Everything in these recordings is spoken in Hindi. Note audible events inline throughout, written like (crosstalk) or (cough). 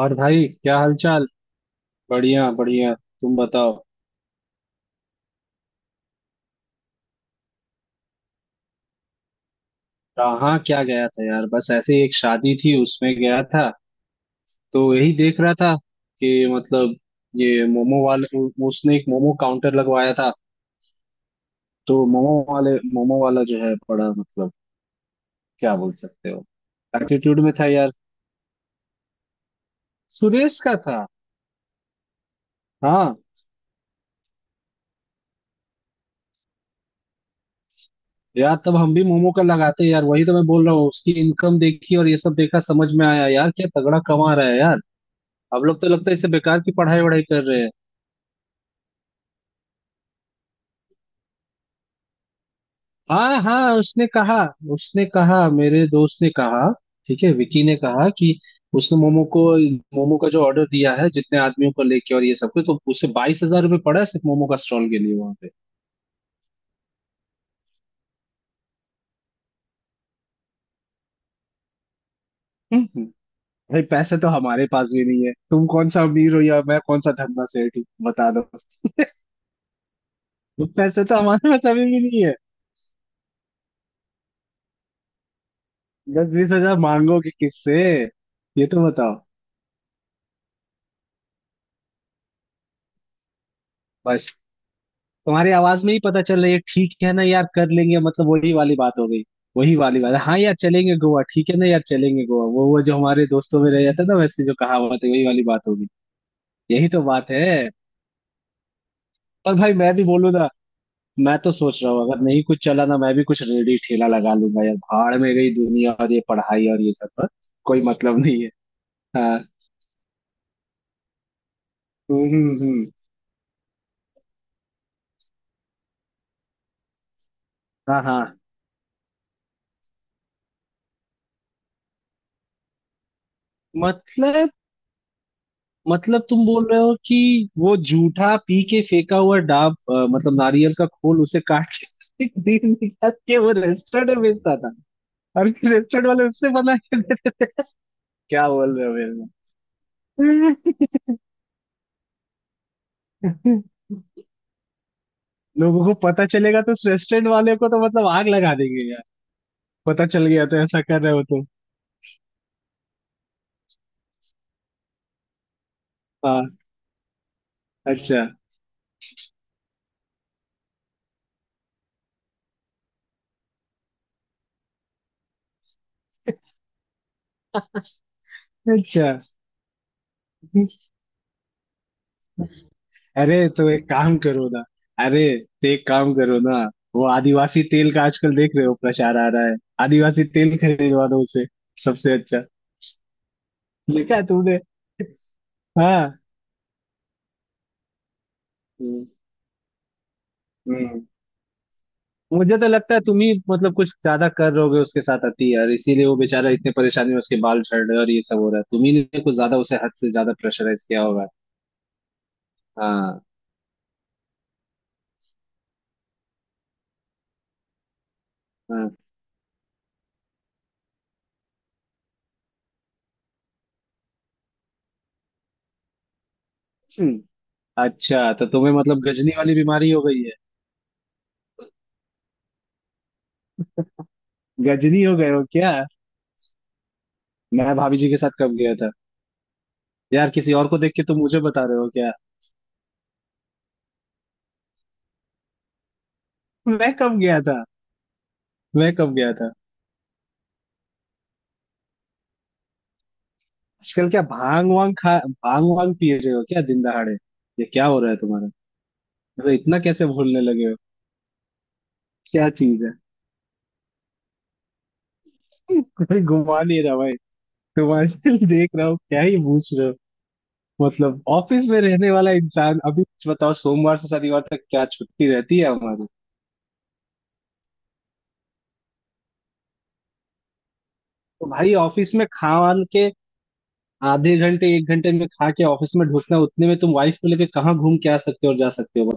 और भाई क्या हालचाल। बढ़िया बढ़िया, तुम बताओ। कहाँ क्या गया था यार, बस ऐसे ही एक शादी थी उसमें गया था। तो यही देख रहा था कि मतलब ये मोमो वाले उसने एक मोमो काउंटर लगवाया था। तो मोमो वाला जो है बड़ा मतलब क्या बोल सकते हो, एटीट्यूड में था यार। सुरेश का था। हाँ यार, तब हम भी मोमो का लगाते यार। वही तो मैं बोल रहा हूँ, उसकी इनकम देखी और ये सब देखा, समझ में आया यार क्या तगड़ा कमा रहा है यार। हम लोग तो लगता है इससे बेकार की पढ़ाई वढ़ाई कर रहे हैं। हाँ हाँ, उसने कहा, उसने कहा, मेरे दोस्त ने कहा, ठीक है, विकी ने कहा कि उसने मोमो को, मोमो का जो ऑर्डर दिया है जितने आदमियों को लेके और ये सब कुछ, तो उसे 22,000 रुपये पड़ा है सिर्फ मोमो का स्टॉल के लिए वहां पे। हम्म, भाई पैसे तो हमारे पास भी नहीं है, तुम कौन सा अमीर हो या मैं कौन सा धन्ना सेठ हूँ बता दो। (laughs) तो पैसे तो हमारे पास अभी भी नहीं है। 10-20 हजार मांगोगे किससे, ये तो बताओ। बस, तुम्हारी आवाज में ही पता चल रहा है, ये ठीक है ना यार, कर लेंगे, मतलब वही वाली बात हो गई। वही वाली बात है, हाँ यार चलेंगे गोवा, ठीक है ना यार चलेंगे गोवा, वो जो हमारे दोस्तों में रह जाता है ना वैसे, जो कहावत है वही वाली बात होगी। यही तो बात है। पर भाई मैं भी बोलू ना, मैं तो सोच रहा हूँ, अगर नहीं कुछ चला ना, मैं भी कुछ रेडी ठेला लगा लूंगा यार, भाड़ में गई दुनिया और ये पढ़ाई और ये सब। पर कोई मतलब नहीं है। हाँ। हम्म हम्म हम्म। हाँ हाँ। मतलब, मतलब तुम बोल रहे हो कि वो जूठा पी के फेंका हुआ डाब मतलब नारियल का खोल उसे काट के उसे क्रीम निकाल के वो रेस्टोरेंट में बेचता था। और फिर रेस्टोरेंट वाले उससे बना के देते। क्या बोल रहे हो मेरे को? (laughs) लोगों को पता चलेगा तो उस रेस्टोरेंट वाले को तो मतलब आग लगा देंगे यार। पता चल गया तो ऐसा कर रहे हो तो। हाँ। अच्छा। अच्छा, अरे तो एक काम करो ना, अरे तो एक काम करो ना, वो आदिवासी तेल का आजकल देख रहे हो प्रचार आ रहा है, आदिवासी तेल खरीदवा दो उसे, सबसे अच्छा। देखा है तुमने। हाँ। हम्म, हम्म। मुझे तो लगता है तुम ही मतलब कुछ ज्यादा कर रहोगे उसके साथ अति यार, इसीलिए वो बेचारा इतने परेशानी में, उसके बाल झड़ रहे हैं और ये सब हो रहा है, तुम ही ने कुछ ज्यादा उसे हद से ज्यादा प्रेशराइज किया होगा। हाँ। हाँ। हम्म। अच्छा, तो तुम्हें मतलब गजनी वाली बीमारी हो गई है, गजनी हो गए हो क्या। मैं भाभी जी के साथ कब गया था। यार किसी और को देख के तुम मुझे बता रहे हो क्या। मैं कब गया था। मैं कब गया था। आजकल क्या भांग वांग खा, भांग वांग पी रहे हो क्या दिन दहाड़े। ये क्या हो रहा है तुम्हारा, मतलब इतना कैसे भूलने लगे हो। क्या चीज है। (laughs) कोई घुमा नहीं रहा भाई। तुम्हारे (laughs) देख रहा हूँ क्या ही पूछ रहे हो। मतलब ऑफिस में रहने वाला इंसान, अभी कुछ बताओ, सोमवार से शनिवार तक क्या छुट्टी रहती है हमारी। तो भाई ऑफिस में खा वान के आधे घंटे एक घंटे में खा के ऑफिस में ढुकना, उतने में तुम वाइफ को लेके कहाँ घूम के आ सकते हो और जा सकते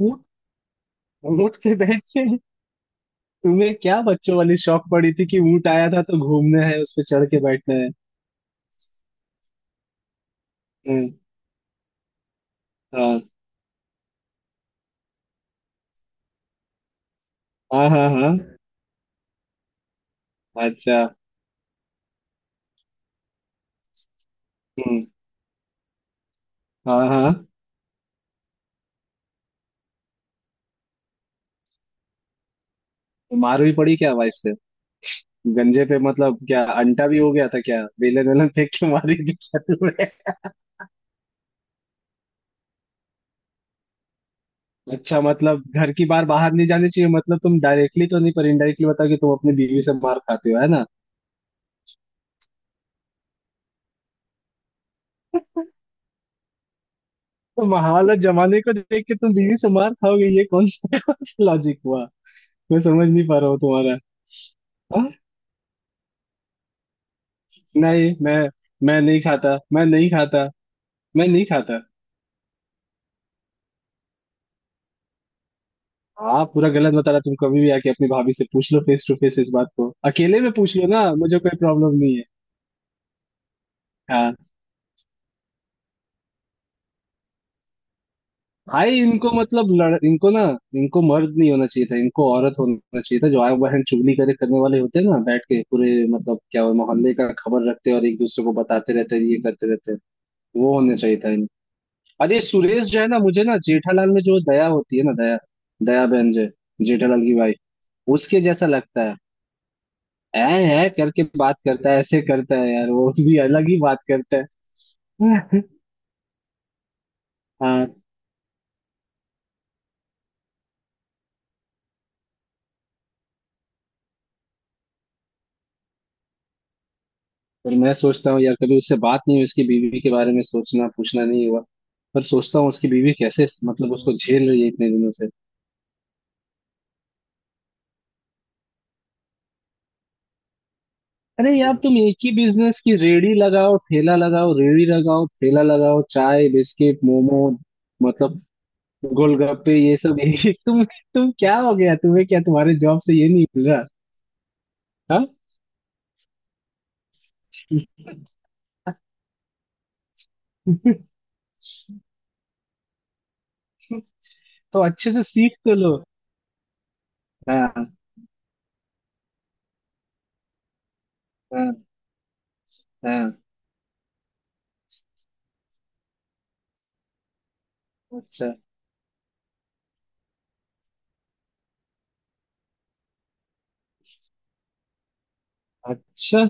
हो ऊँट पे बैठ के। तुम्हें क्या बच्चों वाली शौक पड़ी थी कि ऊँट आया था तो घूमना है उस पे चढ़ के बैठना है। हम्म। हाँ हाँ हाँ। हाँ। अच्छा। हम्म। हाँ हाँ, तो मार भी पड़ी क्या वाइफ से। गंजे पे मतलब क्या अंटा भी हो गया था, क्या बेलन वेलन फेंक के मारी थी क्या तुम्हें। अच्छा मतलब घर की बार बाहर नहीं जानी चाहिए, मतलब तुम डायरेक्टली तो नहीं पर इनडायरेक्टली बताओ कि तुम अपनी बीवी से मार खाते हो, है ना। तो हालत जमाने को देख के तुम बीवी से मार खाओगे, ये कौन सा लॉजिक हुआ, मैं समझ नहीं पा रहा हूँ तुम्हारा। हाँ? नहीं, मैं नहीं खाता, मैं नहीं खाता, मैं नहीं खाता। आप पूरा गलत बता रहा, तुम कभी भी आके अपनी भाभी से पूछ लो फेस टू फेस, इस बात को अकेले में पूछ लो ना, मुझे कोई प्रॉब्लम नहीं है। हाँ। भाई इनको मतलब लड़, इनको ना, इनको मर्द नहीं होना चाहिए था, इनको औरत होना चाहिए था। जो आए बहन चुगली करे करने वाले होते हैं ना, बैठ के पूरे मतलब क्या, वो मोहल्ले का खबर रखते हैं और एक दूसरे को बताते रहते हैं, ये करते रहते हैं। वो होना चाहिए था इन। अरे सुरेश जो है ना, मुझे ना जेठालाल में जो दया होती है ना, दया, दया बहन जो है, जेठालाल की वाइफ, उसके जैसा लगता है। ऐ है करके बात करता है, ऐसे करता है यार, वो भी अलग ही बात करता है। (laughs) हाँ। पर मैं सोचता हूँ यार, कभी उससे बात नहीं हुई उसकी बीवी के बारे में, सोचना पूछना नहीं हुआ। पर सोचता हूँ उसकी बीवी कैसे मतलब उसको झेल रही है इतने दिनों से। अरे यार तुम एक ही बिजनेस की रेड़ी लगाओ, ठेला लगाओ, रेड़ी लगाओ, ठेला लगाओ, चाय बिस्किट मोमो, मतलब गोलगप्पे ये सब। (laughs) एक ही- तुम क्या, हो गया तुम्हें, क्या तुम्हारे जॉब से ये नहीं मिल रहा। हाँ। तो अच्छे से सीख तो लो। हाँ। हाँ। हाँ। अच्छा। अच्छा।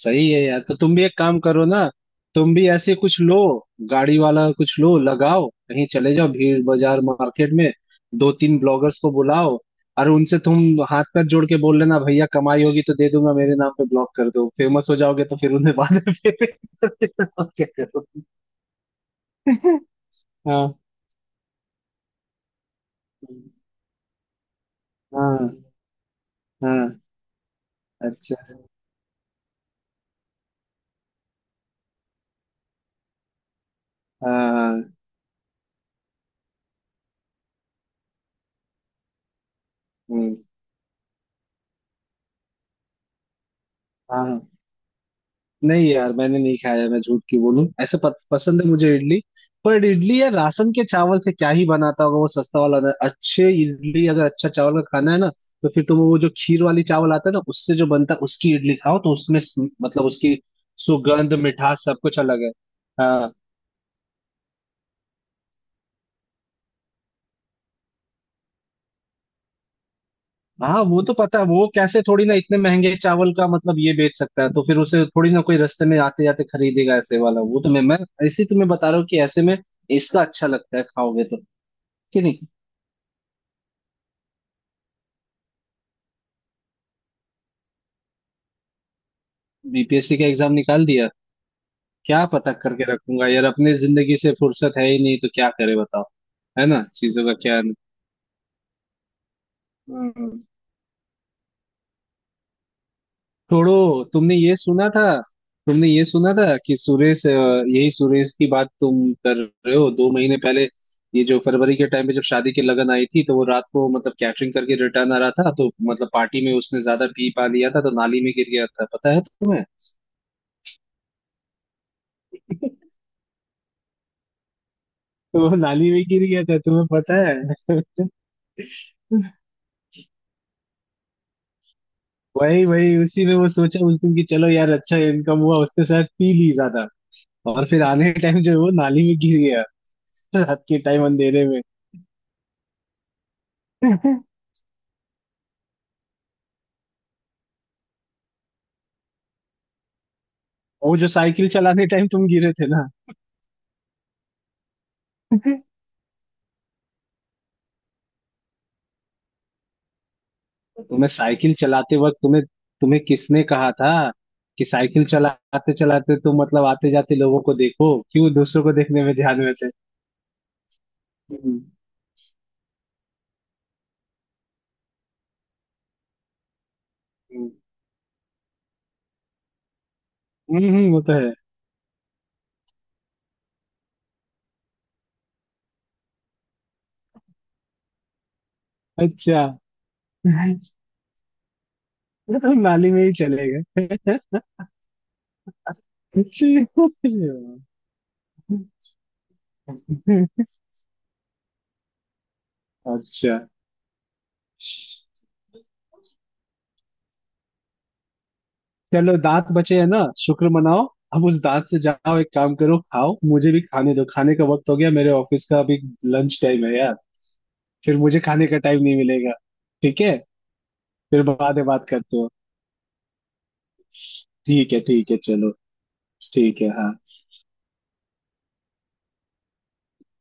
सही है यार, तो तुम भी एक काम करो ना, तुम भी ऐसे कुछ लो, गाड़ी वाला कुछ लो, लगाओ कहीं चले जाओ भीड़ बाजार मार्केट में, 2-3 ब्लॉगर्स को बुलाओ और उनसे तुम हाथ पैर जोड़ के बोल लेना भैया कमाई होगी तो दे दूंगा, मेरे नाम पे ब्लॉग कर दो, फेमस हो जाओगे, तो फिर उन्हें बाद में payment कर देना। (laughs) और क्या करो। हाँ। हाँ। अच्छा। हाँ। अच्छा। हाँ। हाँ। नहीं यार, मैंने नहीं खाया, मैं झूठ की बोलूं, ऐसे पसंद है मुझे इडली। पर इडली या राशन के चावल से क्या ही बनाता होगा वो सस्ता वाला ना, अच्छे इडली अगर, अच्छा चावल का खाना है ना तो फिर तुम वो जो खीर वाली चावल आता है ना उससे जो बनता है उसकी इडली खाओ, तो उसमें मतलब उसकी सुगंध मिठास सब कुछ अलग है। हाँ। हाँ वो तो पता है, वो कैसे थोड़ी ना इतने महंगे चावल का मतलब ये बेच सकता है, तो फिर उसे थोड़ी ना कोई रास्ते में आते जाते खरीदेगा ऐसे वाला, वो तो मैं ऐसे ही तुम्हें बता रहा हूँ कि ऐसे में इसका अच्छा लगता है खाओगे तो, कि नहीं। बीपीएससी का एग्जाम निकाल दिया। क्या पता करके रखूंगा यार, अपने जिंदगी से फुर्सत है ही नहीं, तो क्या करे बताओ, है ना। चीजों का क्या। हम्म छोड़ो, तुमने ये सुना था, तुमने ये सुना था कि सुरेश यही सुरेश की बात तुम कर रहे हो, 2 महीने पहले ये जो फरवरी के टाइम पे जब शादी की लगन आई थी, तो वो रात को मतलब कैटरिंग करके रिटर्न आ रहा था, तो मतलब पार्टी में उसने ज्यादा पी पा लिया था तो नाली में गिर गया था, पता है तुम्हें। तो वो नाली में गिर गया था तुम्हें पता है। (laughs) वही वही उसी में वो सोचा उस दिन कि चलो यार अच्छा इनकम हुआ, उसने शायद पी ली ज्यादा, और फिर आने के टाइम जो है वो नाली में गिर गया। (laughs) रात के टाइम अंधेरे में। (laughs) वो जो साइकिल चलाने टाइम तुम गिरे थे ना। (laughs) तुम्हें साइकिल चलाते वक्त, तुम्हें तुम्हें किसने कहा था कि साइकिल चलाते चलाते तुम मतलब आते जाते लोगों को देखो, क्यों दूसरों को देखने में ध्यान में थे। हम्म। वो तो है। अच्छा। (laughs) नाली में ही चले गए। (laughs) अच्छा। चलो दांत बचे है ना, शुक्र मनाओ। अब उस दांत से जाओ, एक काम करो, खाओ, मुझे भी खाने दो, खाने का वक्त हो गया मेरे ऑफिस का अभी, लंच टाइम है यार। फिर मुझे खाने का टाइम नहीं मिलेगा। ठीक है, फिर बाद में बात करते हो। ठीक है, ठीक है, चलो। ठीक है, हाँ।